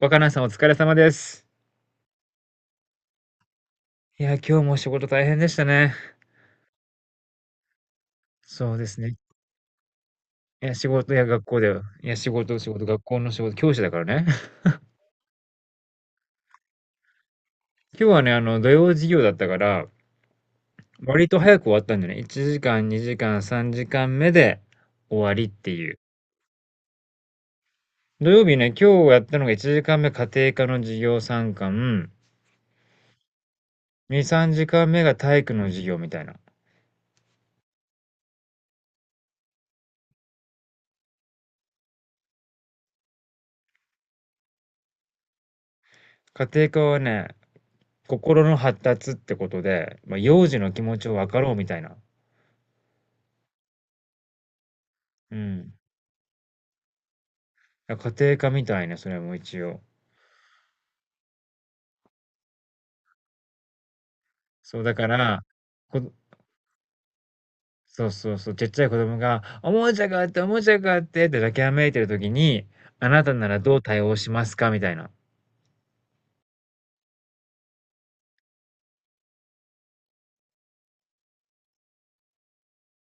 若菜さんお疲れ様です。いや、今日も仕事大変でしたね。そうですね。いや、仕事や学校だよ。いや、仕事仕事、学校の仕事、教師だからね。今日はね、土曜授業だったから、割と早く終わったんだよね。1時間、2時間、3時間目で終わりっていう。土曜日ね、今日やったのが1時間目家庭科の授業参観、2、3時間目が体育の授業みたいな。家庭科はね、心の発達ってことで、まあ、幼児の気持ちを分かろうみたいな。うん。あ、家庭科みたいな、それも一応。そう、だから、こそうそうそう、ちっちゃい子供が、おもちゃがあって、おもちゃがあってって泣きわめいてる時に、あなたならどう対応しますかみたいな。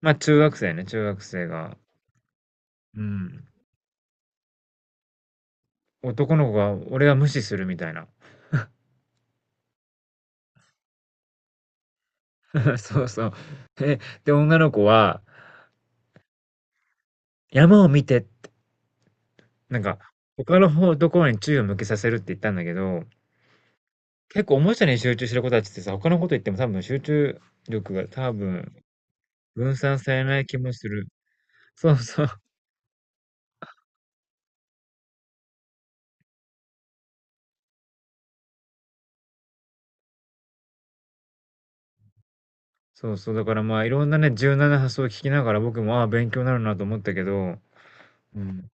あ中学生ね、中学生が、うん。男の子が、俺は無視するみたいな。そうそう。え、で、女の子は、山を見てって、なんか、他の方ところに注意を向けさせるって言ったんだけど、結構おもちゃに集中してる子たちってさ、他のこと言っても多分集中力が多分分散されない気もする。そうそう。そうそう。だからまあ、いろんなね、柔軟な発想を聞きながら、僕も、ああ、勉強になるなと思ったけど、うん。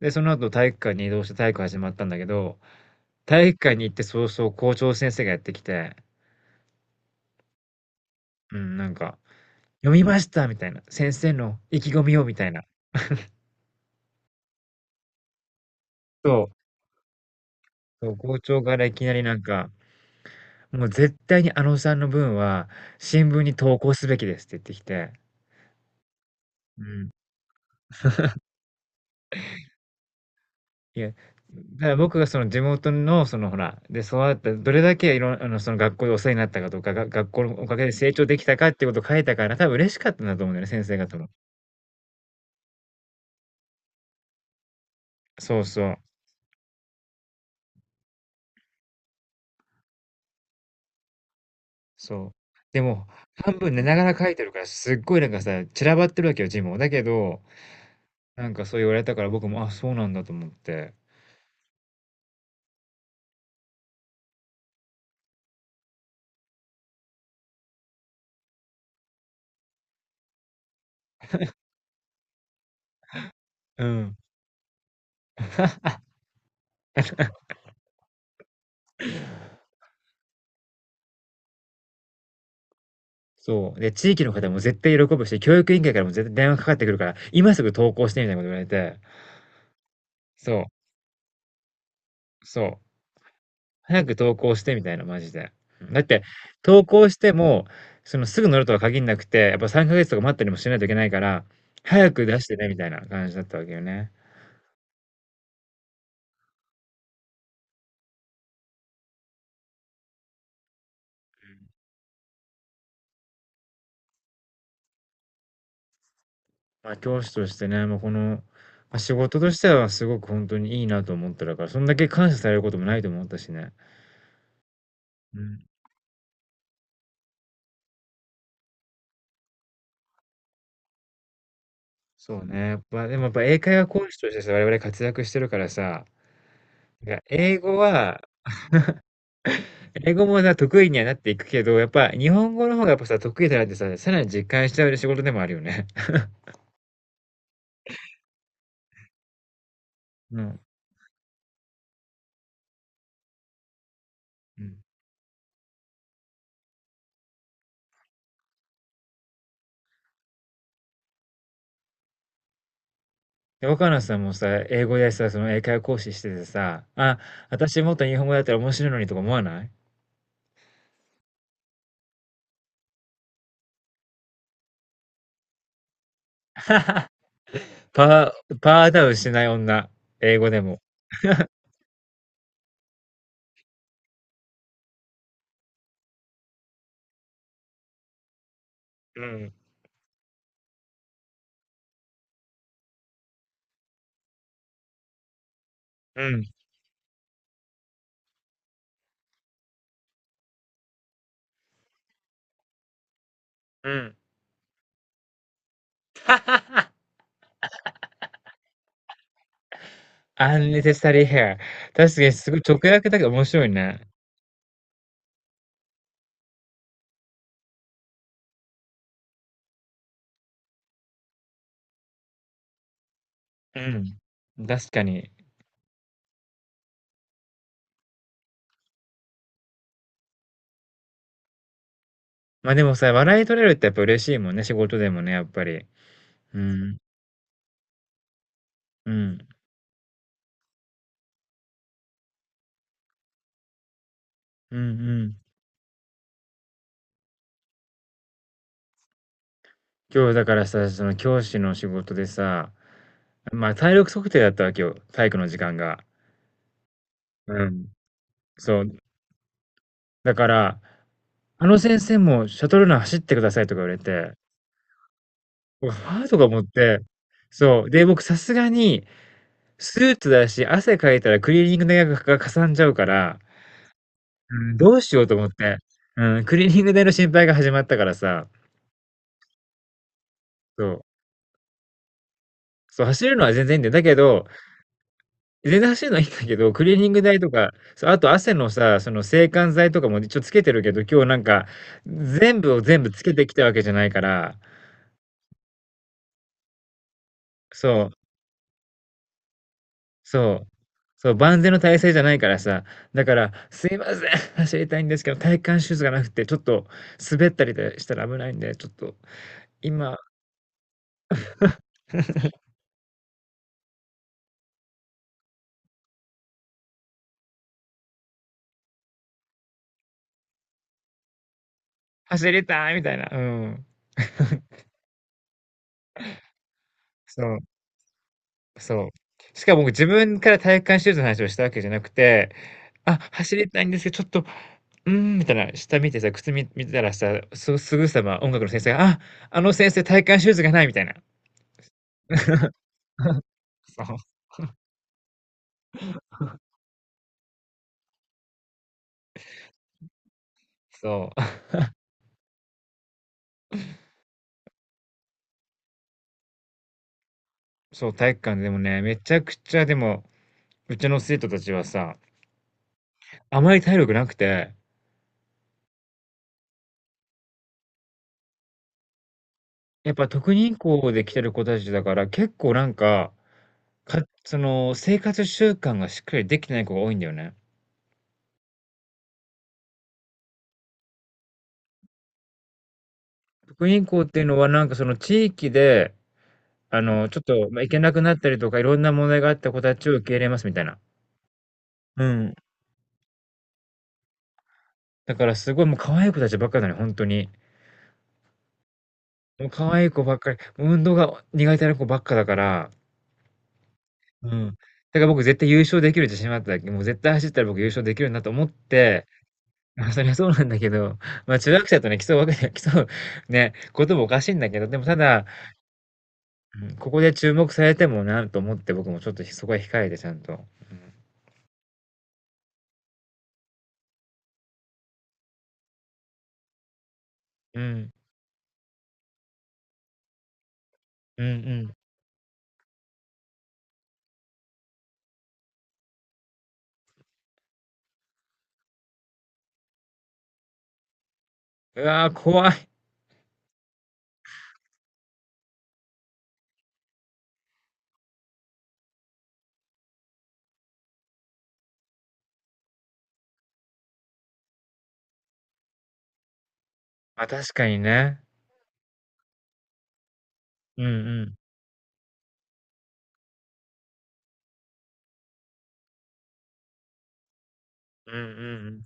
で、その後、体育館に移動して体育始まったんだけど、体育館に行って早々校長先生がやってきて、うん、なんか、読みましたみたいな、先生の意気込みをみたいな。そう、そう校長からいきなりなんか、もう絶対にあのさんの分は新聞に投稿すべきですって言ってきて、うん。いや、だから僕がその地元の、そのほら、で育った、どれだけいろん、その学校でお世話になったかとか、が、学校のおかげで成長できたかっていうことを書いたから、多分嬉しかったんだと思うんだよね、先生方も。そうそう、そう。でも、半分寝ながら書いてるから、すっごいなんかさ、散らばってるわけよ、字も。だけど、なんかそう言われたから僕も、あ、そうなんだと思って。うん。そう。で、地域の方も絶対喜ぶし、教育委員会からも絶対電話かかってくるから、今すぐ投稿してみたいなこと言われて。そそう。早く投稿してみたいな、マジで。うんだって、投稿しても、そのすぐ乗るとは限んなくて、やっぱ3ヶ月とか待ったりもしないといけないから、早く出してね、みたいな感じだったわけよね。まあ、教師としてね、もうこの、まあ、仕事としてはすごく本当にいいなと思ってたから、そんだけ感謝されることもないと思ったしね。うん。そうね。やっぱ、でもやっぱ英会話講師としてさ、我々活躍してるからさ、いや英語は、英語もさ、得意にはなっていくけど、やっぱ日本語の方がやっぱさ、得意だなってさ、さらに実感しちゃう仕事でもあるよね。うん。うん。で、若菜さんもさ、英語でさ、その英会話講師しててさ、あ、私もっと日本語だったら面白いのにとか思わないパー、パーダウンしない女、英語でも。うん。うん。うん。unnecessary hair。確かにすごい直訳だけど面白いね。うん。うん。確かに。まあでもさ、笑い取れるってやっぱ嬉しいもんね、仕事でもね、やっぱり。うん。うん。うんうん。今日だからさ、その教師の仕事でさ、まあ体力測定だったわけよ、体育の時間が。うん。そう。だから、あの先生もシャトルラン走ってくださいとか言われて、うはあ？とか思って、そう。で、僕さすがにスーツだし、汗かいたらクリーニング代がかかさんじゃうから、うん、どうしようと思って。うん、クリーニング代の心配が始まったからさ、そう。そう、走るのは全然いいんだよ。だけど、出だしのいいんだけど、クリーニング代とか、そう、あと汗のさ、その制汗剤とかも一応つけてるけど、今日なんか、全部を全部つけてきたわけじゃないから、そう、そう、そう、万全の体制じゃないからさ、だから、すいません、走りたいんですけど、体幹シューズがなくて、ちょっと滑ったりでしたら危ないんで、ちょっと、今、走りたいみたいな、うん。そう。そう。しかも僕自分から体育館シューズの話をしたわけじゃなくて、あ、走りたいんですけど、ちょっと、うーん、みたいな、下見てさ、靴見、見てたらさ、すぐさま音楽の先生が、あ、あの先生体育館シューズがないみたいな。そう、そそう、体育館でもね、めちゃくちゃでも、うちの生徒たちはさ、あまり体力なくて、やっぱ特任校で来てる子たちだから、結構なんか、その、生活習慣がしっかりできてない子が多いんだよね。職員校っていうのは、なんかその地域で、ちょっと、まあ、行けなくなったりとか、いろんな問題があった子たちを受け入れますみたいな。うん。だからすごいもう可愛い子たちばっかだねよ、ほんとに。もう可愛い子ばっかり、運動が苦手な子ばっかだから、うん。だから僕絶対優勝できる自信はあったわけ。もう絶対走ったら僕優勝できるなと思って、まあ、そりゃそうなんだけど、まあ、中学生とね、競うわけに競うね、こともおかしいんだけど、でもただ、うん、ここで注目されてもなと思って、僕もちょっとそこは控えてちゃんと。うん。うん。うんうん。うわ、怖い。あ、確かにね。うんうん。うんうんうん。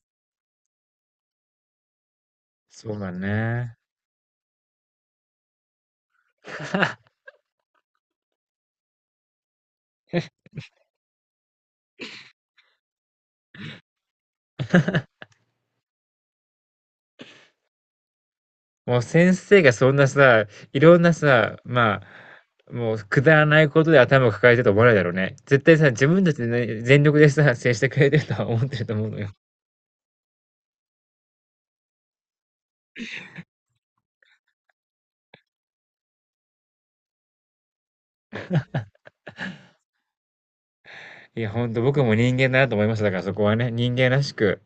そうだね。もう先生がそんなさ、いろんなさ、まあ、もうくだらないことで頭を抱えてると思わないだろうね。絶対さ、自分たちでね、全力でさ、接してくれてるとは思ってると思うのよ。いや、ほんと僕も人間だなと思いました。だからそこはね、人間らしく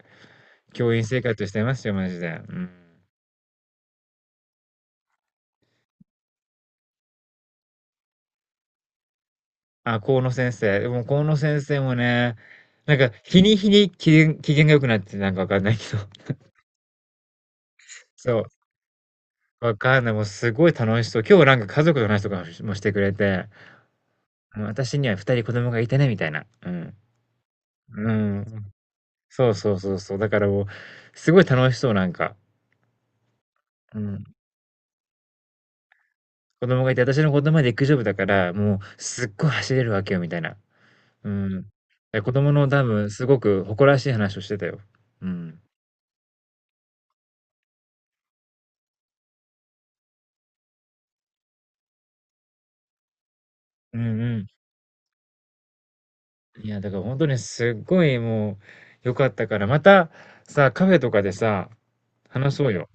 教員生活してますよ、マジで。うん。あ、河野先生。でも河野先生もね、なんか日に日に機嫌、機嫌が良くなってなんかわかんないけど。そう。わかんない。もうすごい楽しそう。今日なんか家族の話とかもしてくれて、もう私には二人子供がいてね、みたいな。うん。うん。そうそうそうそう。だからもう、すごい楽しそう、なんか。うん。子供がいて、私の子供は陸上部だから、もうすっごい走れるわけよ、みたいな。うん。で子供の多分、すごく誇らしい話をしてたよ。うん。うんうんいや、だから本当にすっごいもう良かったから、またさ、カフェとかでさ、話そうよ。